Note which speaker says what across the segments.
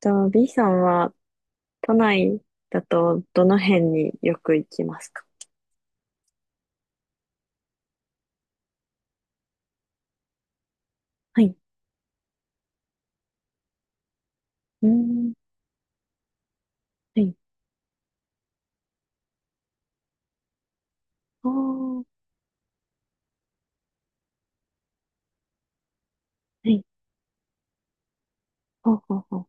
Speaker 1: と、B さんは都内だとどの辺によく行きますか？はい。うーん。はい。ああ、はい。ほうほうほう。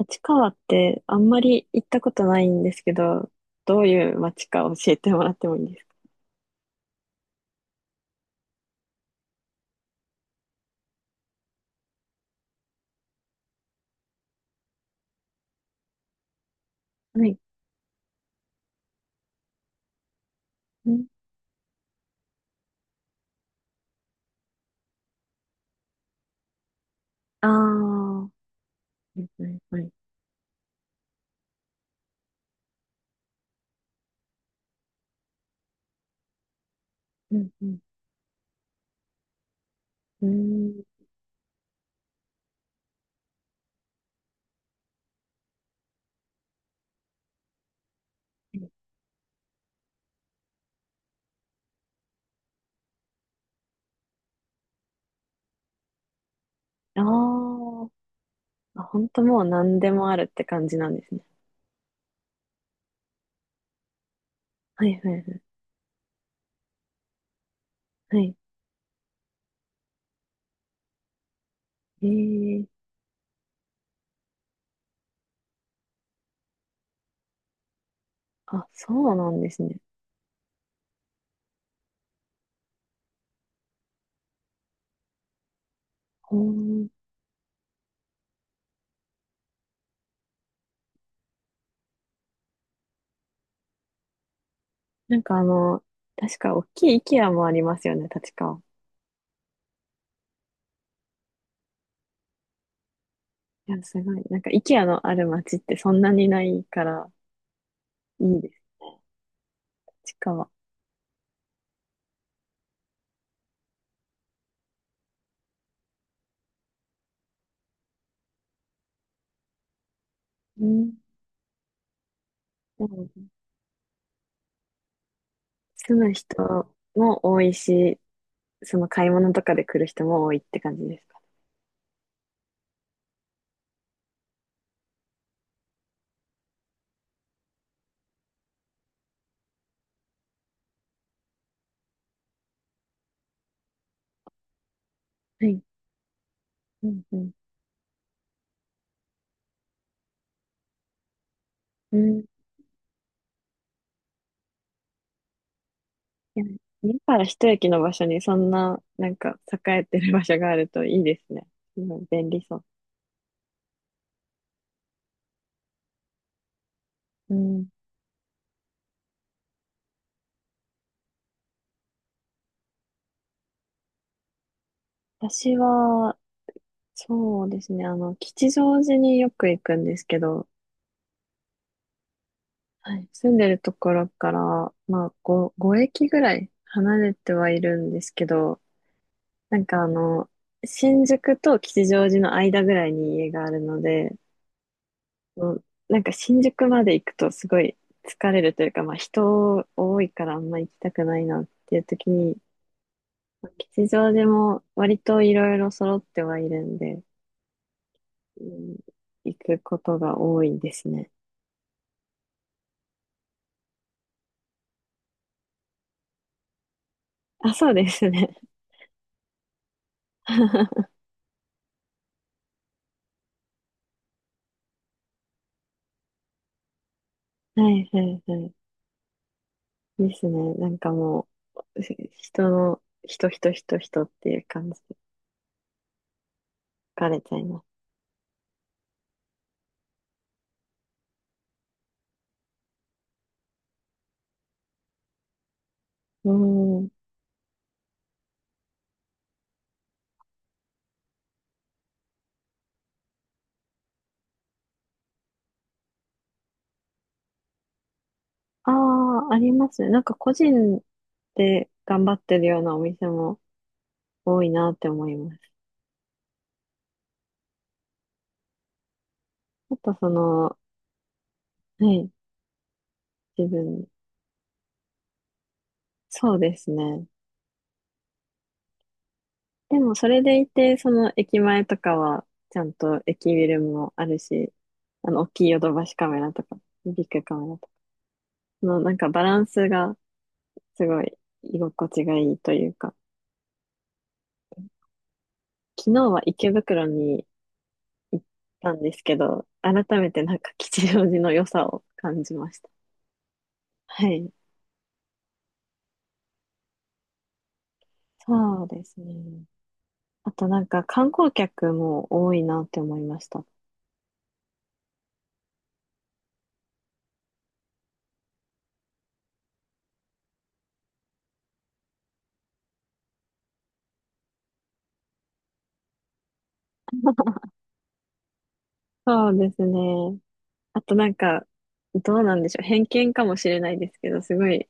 Speaker 1: 立川ってあんまり行ったことないんですけど、どういう街か教えてもらってもいいですか？はい。うん。ああ、はいはいはい。うんうん。うーん。ああ、本当もう何でもあるって感じなんですね。はいはいはい。はい。ええ、あ、そうなんですね。ほー、なんかあの、確か大きい IKEA もありますよね、立川。いや、すごい。なんか IKEA のある街ってそんなにないから、いいです、立川。うん。でも住む人も多いし、その買い物とかで来る人も多いって感じですかね。はい。うん、うん。うん。いや、家から一駅の場所にそんな、なんか栄えてる場所があるといいですね。うん、便利そう。うん。私は、そうですね、あの、吉祥寺によく行くんですけど、はい、住んでるところから、まあ、5、5駅ぐらい離れてはいるんですけど、なんかあの、新宿と吉祥寺の間ぐらいに家があるので、もうなんか新宿まで行くとすごい疲れるというか、まあ人多いからあんま行きたくないなっていう時に、まあ吉祥寺も割といろいろ揃ってはいるんで、うん、行くことが多いですね。あ、そうですね。はいはいはい。ですね。なんかもう、人の、人、人、人、人っていう感じで疲れちゃいます。うん。ああ、ありますね。なんか個人で頑張ってるようなお店も多いなって思います。あとその、はい、自分、そうですね。でもそれでいて、その駅前とかは、ちゃんと駅ビルもあるし、あの、大きいヨドバシカメラとか、ビッグカメラとか、のなんかバランスがすごい居心地がいいというか、昨日は池袋に行ったんですけど、改めてなんか吉祥寺の良さを感じました。はい。そうですね。あとなんか観光客も多いなって思いました。そうですね。あとなんか、どうなんでしょう。偏見かもしれないですけど、すごい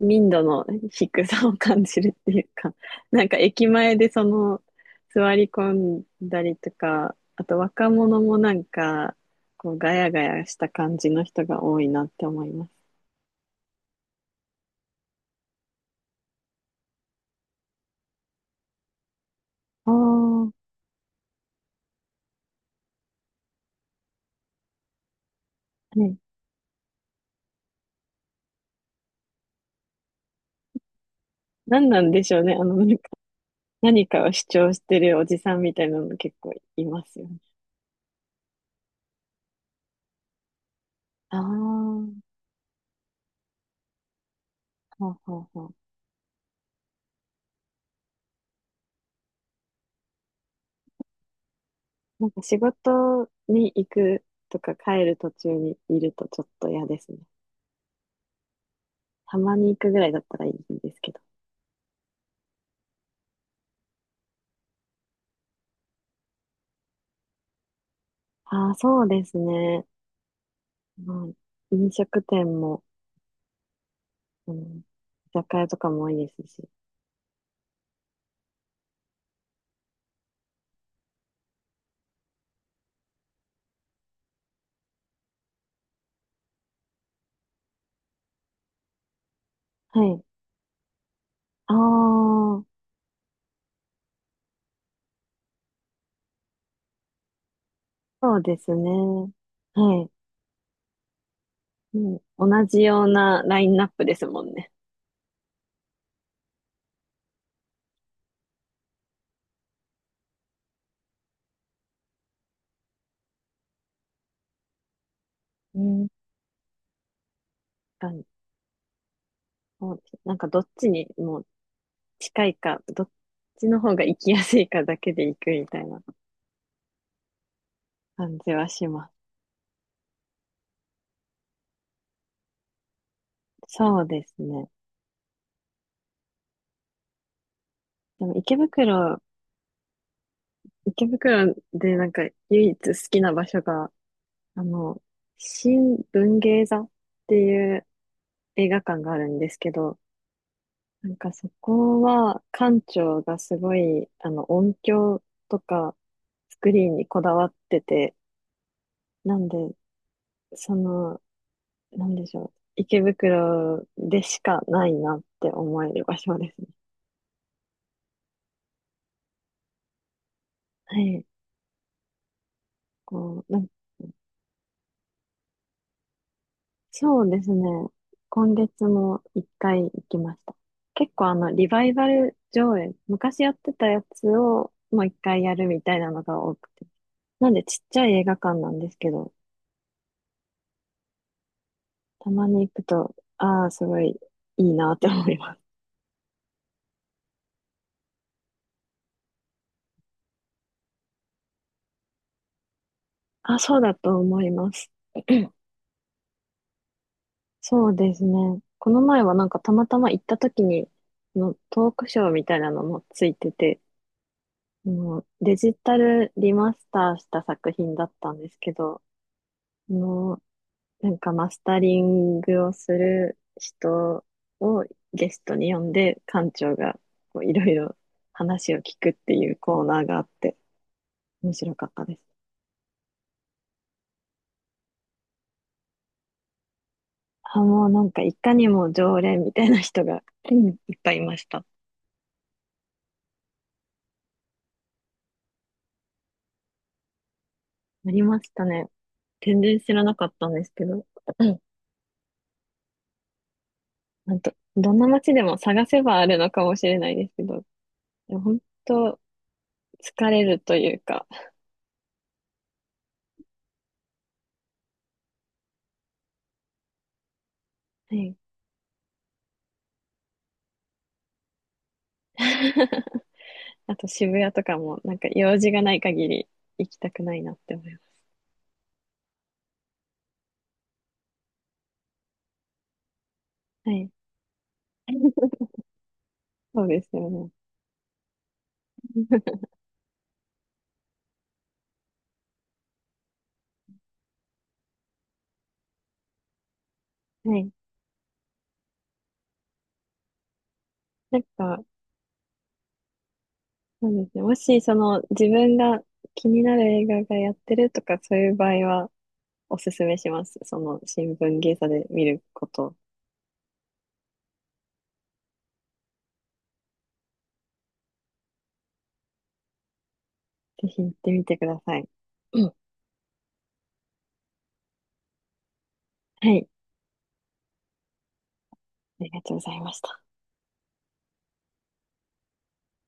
Speaker 1: 民度の低さを感じるっていうか、なんか駅前でその座り込んだりとか、あと若者もなんか、こうガヤガヤした感じの人が多いなって思います。ああ、ね。何なんでしょうね。あの、なんか何かを主張してるおじさんみたいなの結構いますよね。ああ、ほうほうほう。なんか仕事に行くとか帰る途中にいるとちょっと嫌ですね。たまに行くぐらいだったらいいんですけど。ああ、そうですね。まあ、飲食店も、うん、居酒屋とかも多いですし。はい。ああ、そうですね。はい。もう同じようなラインナップですもんね。うん。確かに。そうです。なんかどっちにもう近いか、どっちの方が行きやすいかだけで行くみたいな感じはします。そうですね。でも池袋、池袋でなんか唯一好きな場所が、あの、新文芸座っていう映画館があるんですけど、なんかそこは館長がすごい、あの、音響とかスクリーンにこだわってて、なんで、その、なんでしょう、池袋でしかないなって思える場所ですね。はい。こう、そうですね。今月も一回行きました。結構あの、リバイバル上映、昔やってたやつをもう一回やるみたいなのが多くて。なんでちっちゃい映画館なんですけど、たまに行くと、ああ、すごいいいなって思います。あ、そうだと思います。そうですね。この前はなんかたまたま行った時に、のトークショーみたいなのもついてて、もうデジタルリマスターした作品だったんですけど、あのなんかマスタリングをする人をゲストに呼んで、館長がこういろいろ話を聞くっていうコーナーがあって、面白かったです。あ、もうなんかいかにも常連みたいな人がうんいっぱいいました。ありましたね。全然知らなかったんですけど、うん、なんと、どんな街でも探せばあるのかもしれないですけど、でも本当疲れるというか、はい。あと渋谷とかも、なんか用事がない限り行きたくないなって思います。はい。そうですよね。はい。なんか、そうですね。もし、その、自分が気になる映画がやってるとか、そういう場合は、おすすめします。その、新聞芸座で見ること、ぜひ行ってみてください。うん、はい。ありがとうございました。